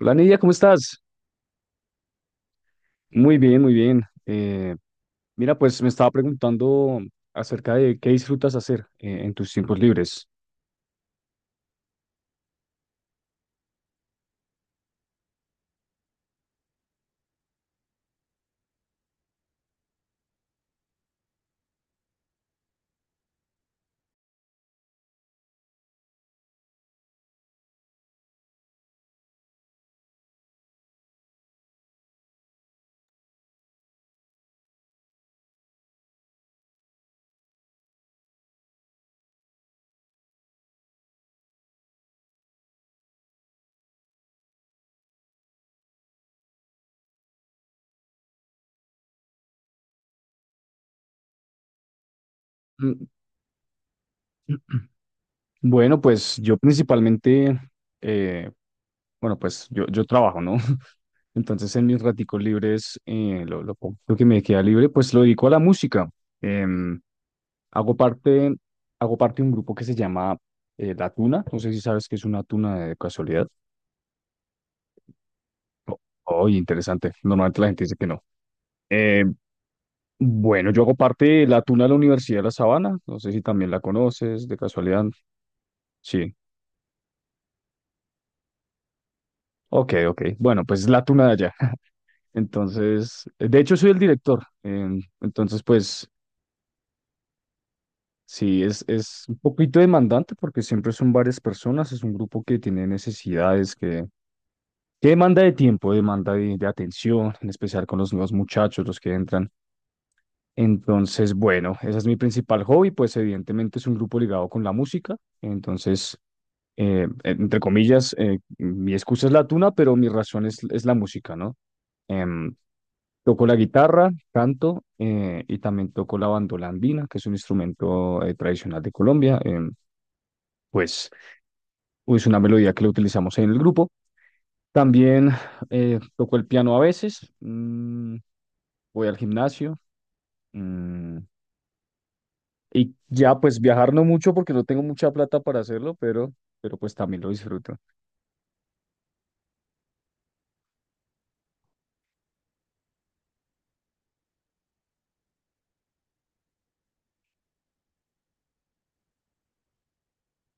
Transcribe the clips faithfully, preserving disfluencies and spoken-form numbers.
Hola Nidia, ¿cómo estás? Muy bien, muy bien. Eh, mira, pues me estaba preguntando acerca de qué disfrutas hacer eh, en tus tiempos libres. Mm. Bueno, pues yo principalmente, eh, bueno, pues yo, yo trabajo, ¿no? Entonces en mis raticos libres, eh, lo, lo poco que me queda libre, pues lo dedico a la música. Em, hago parte, hago parte de un grupo que se llama eh, La Tuna, no sé si sabes qué es una tuna de casualidad. O- Oye, interesante. Normalmente la gente dice que no. Eh, bueno, yo hago parte de la Tuna de la Universidad de La Sabana. No sé si también la conoces, de casualidad. Sí. Ok, ok. Bueno, pues es la Tuna de allá. Entonces, de hecho, soy el director. Em, entonces, pues sí, es, es un poquito demandante porque siempre son varias personas. Es un grupo que tiene necesidades que, que demanda de tiempo, demanda de de atención, en especial con los nuevos muchachos, los que entran. Entonces, bueno, ese es mi principal hobby, pues evidentemente es un grupo ligado con la música, entonces, eh, entre comillas, eh, mi excusa es la tuna, pero mi razón es, es la música, ¿no? Em, toco la guitarra, canto eh, y también toco la bandola andina, que es un instrumento eh, tradicional de Colombia. Em, pues es una melodía que la utilizamos en el grupo. También eh, toco el piano a veces. Mm, voy al gimnasio. Mm, y ya, pues viajar no mucho porque no tengo mucha plata para hacerlo, pero, pero pues también lo disfruto.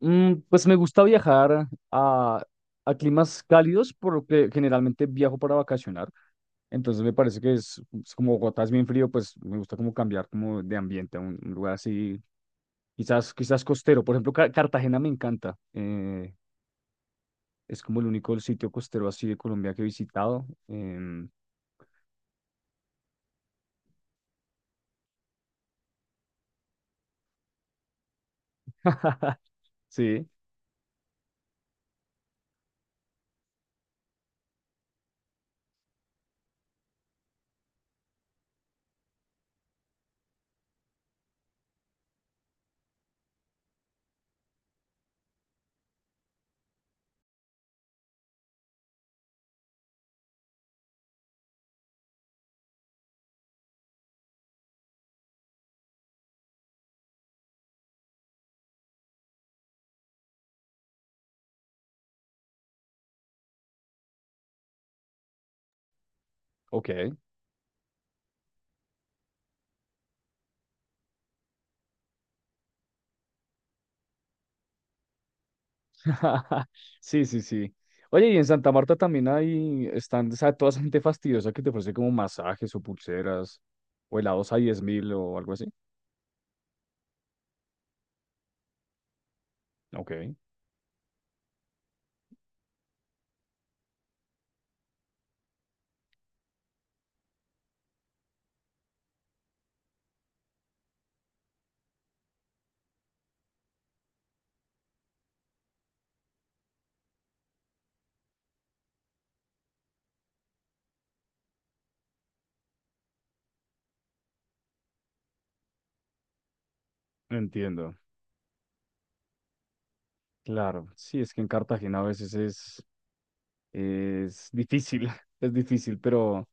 Mm, pues me gusta viajar a, a climas cálidos, por lo que generalmente viajo para vacacionar. Entonces me parece que es, es como Bogotá es bien frío, pues me gusta como cambiar como de ambiente a un, un lugar así, quizás, quizás costero. Por ejemplo, Ca- Cartagena me encanta. Eh, es como el único sitio costero así de Colombia que he visitado. Em, sí, ok. Sí, sí, sí. Oye, y en Santa Marta también hay, están, o sea, toda esa gente fastidiosa que te ofrece como masajes o pulseras o helados a diez mil o algo así. Ok, entiendo. Claro, sí, es que en Cartagena a veces es, es difícil, es difícil, pero,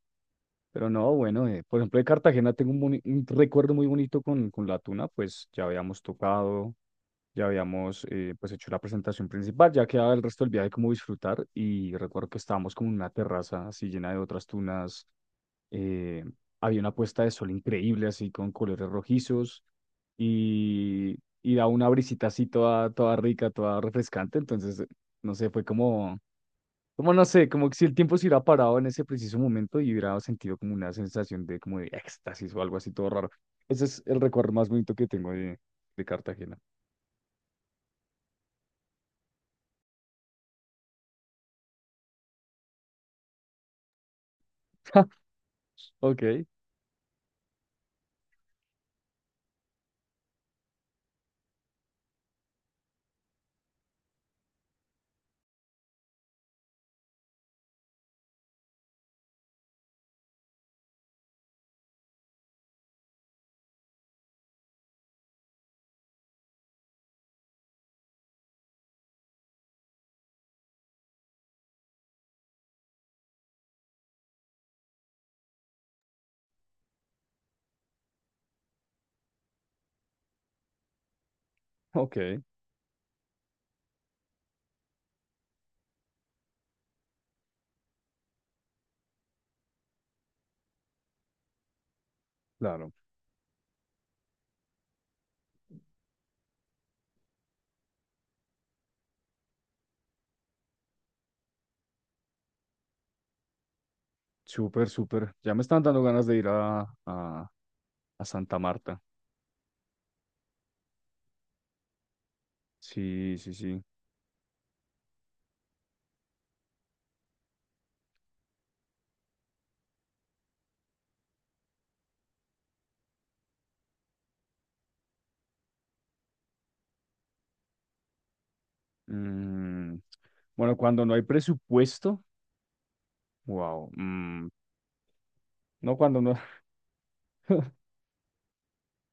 pero no, bueno, eh, por ejemplo, de Cartagena tengo un, boni- un recuerdo muy bonito con, con la tuna, pues ya habíamos tocado. Ya habíamos eh, pues hecho la presentación principal, ya quedaba el resto del viaje como disfrutar y recuerdo que estábamos como en una terraza así llena de otras tunas. eh, Había una puesta de sol increíble así con colores rojizos y, y da una brisita así toda, toda rica, toda refrescante. Entonces no sé, fue como, como no sé, como que si el tiempo se hubiera parado en ese preciso momento y hubiera sentido como una sensación de como de éxtasis o algo así todo raro. Ese es el recuerdo más bonito que tengo de, de Cartagena. Ok. Ok, claro. Súper, súper. Ya me están dando ganas de ir a, a, a Santa Marta. Sí, sí, sí. Mm, bueno, cuando no hay presupuesto, wow. Mm, no, cuando no.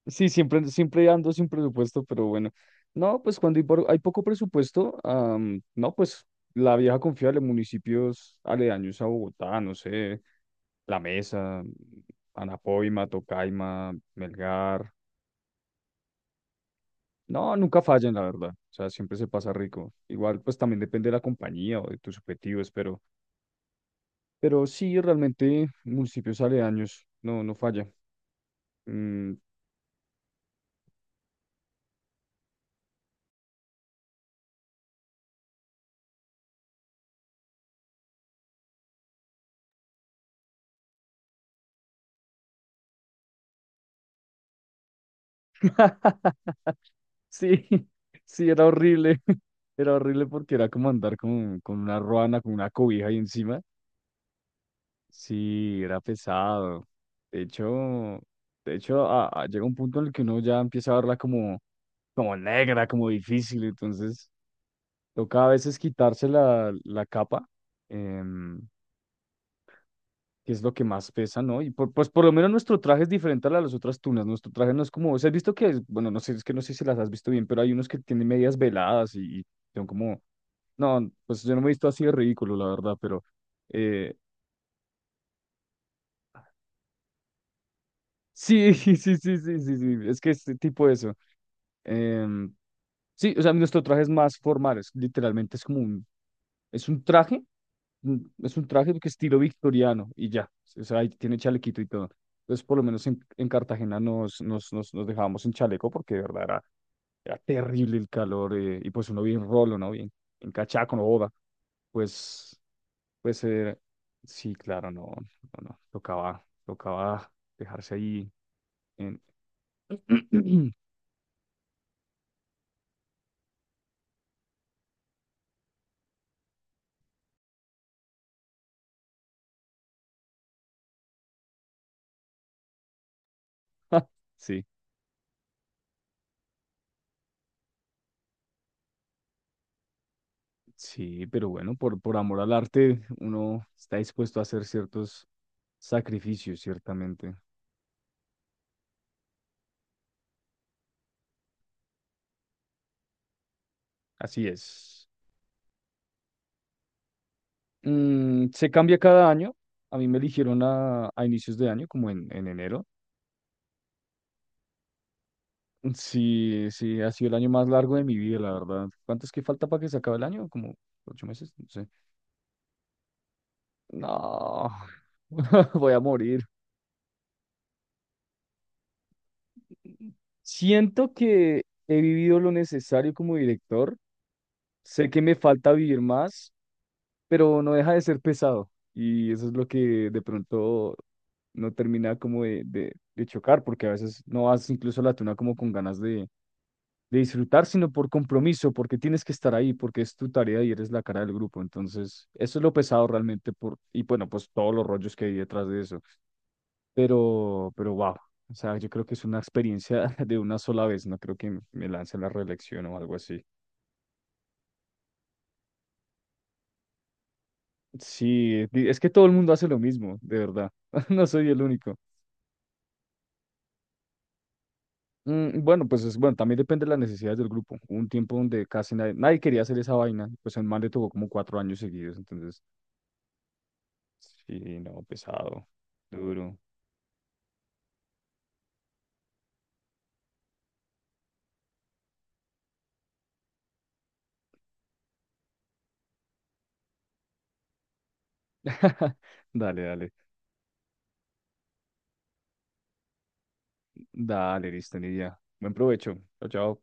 Sí, siempre, siempre ando sin presupuesto, pero bueno. No, pues cuando hay, por- hay poco presupuesto, am, no, pues la vieja confiable, municipios aledaños a Bogotá, no sé, La Mesa, Anapoima, Tocaima, Melgar. No, nunca fallan, la verdad. O sea, siempre se pasa rico. Igual, pues también depende de la compañía o de tus objetivos, pero, pero sí, realmente municipios aledaños, no, no falla. Mm. Sí, sí, era horrible. Era horrible porque era como andar con, con una ruana, con una cobija ahí encima. Sí, era pesado. De hecho, de hecho, a- a- llega un punto en el que uno ya empieza a verla como, como negra, como difícil. Entonces, toca a veces quitarse la, la capa. em, que es lo que más pesa, ¿no? Y por, pues por lo menos nuestro traje es diferente a la de las otras tunas. Nuestro traje no es como, o sea, has visto que, es- bueno, no sé, es que no sé si las has visto bien, pero hay unos que tienen medias veladas y, y son como, no, pues yo no me he visto así de ridículo, la verdad, pero eh, sí, sí, sí, sí, sí, sí, es que es tipo eso. Em, sí, o sea, nuestro traje es más formal, es, literalmente es como un, es un traje, un- es un traje que estilo victoriano y ya, o sea, ahí tiene chalequito y todo. Entonces, por lo menos en, en Cartagena nos, nos, nos, nos dejábamos en chaleco porque de verdad era, era terrible el calor. Eh, y pues uno bien rolo, ¿no? Bien, en cachaco, no boda, pues... Pues eh, sí, claro, no, no, no, tocaba, tocaba dejarse ahí en... Ja, sí, sí, pero bueno, por, por amor al arte, uno está dispuesto a hacer ciertos sacrificios, ciertamente. Así es. Mm, se cambia cada año. A mí me eligieron a, a inicios de año, como en, en enero. Sí, sí, ha sido el año más largo de mi vida, la verdad. ¿Cuánto es que falta para que se acabe el año? Como ocho meses, no sé. No, voy a morir. Siento que he vivido lo necesario como director. Sé que me falta vivir más, pero no deja de ser pesado. Y eso es lo que de pronto no termina como de, de, de chocar, porque a veces no vas incluso a la tuna como con ganas de, de disfrutar, sino por compromiso, porque tienes que estar ahí, porque es tu tarea y eres la cara del grupo. Entonces, eso es lo pesado realmente por, y bueno, pues todos los rollos que hay detrás de eso. Pero, pero wow. O sea, yo creo que es una experiencia de una sola vez, no creo que me lance a la reelección o algo así. Sí, di- es que todo el mundo hace lo mismo, de verdad. No soy el único. Mm, bueno, pues es, bueno, también depende de las necesidades del grupo. Hubo un tiempo donde casi nadie, nadie quería hacer esa vaina, pues el man le tocó como cuatro años seguidos, entonces, sí, no, pesado, duro. Dale, dale, dale, listo, Nidia. Buen provecho. Chao, chao.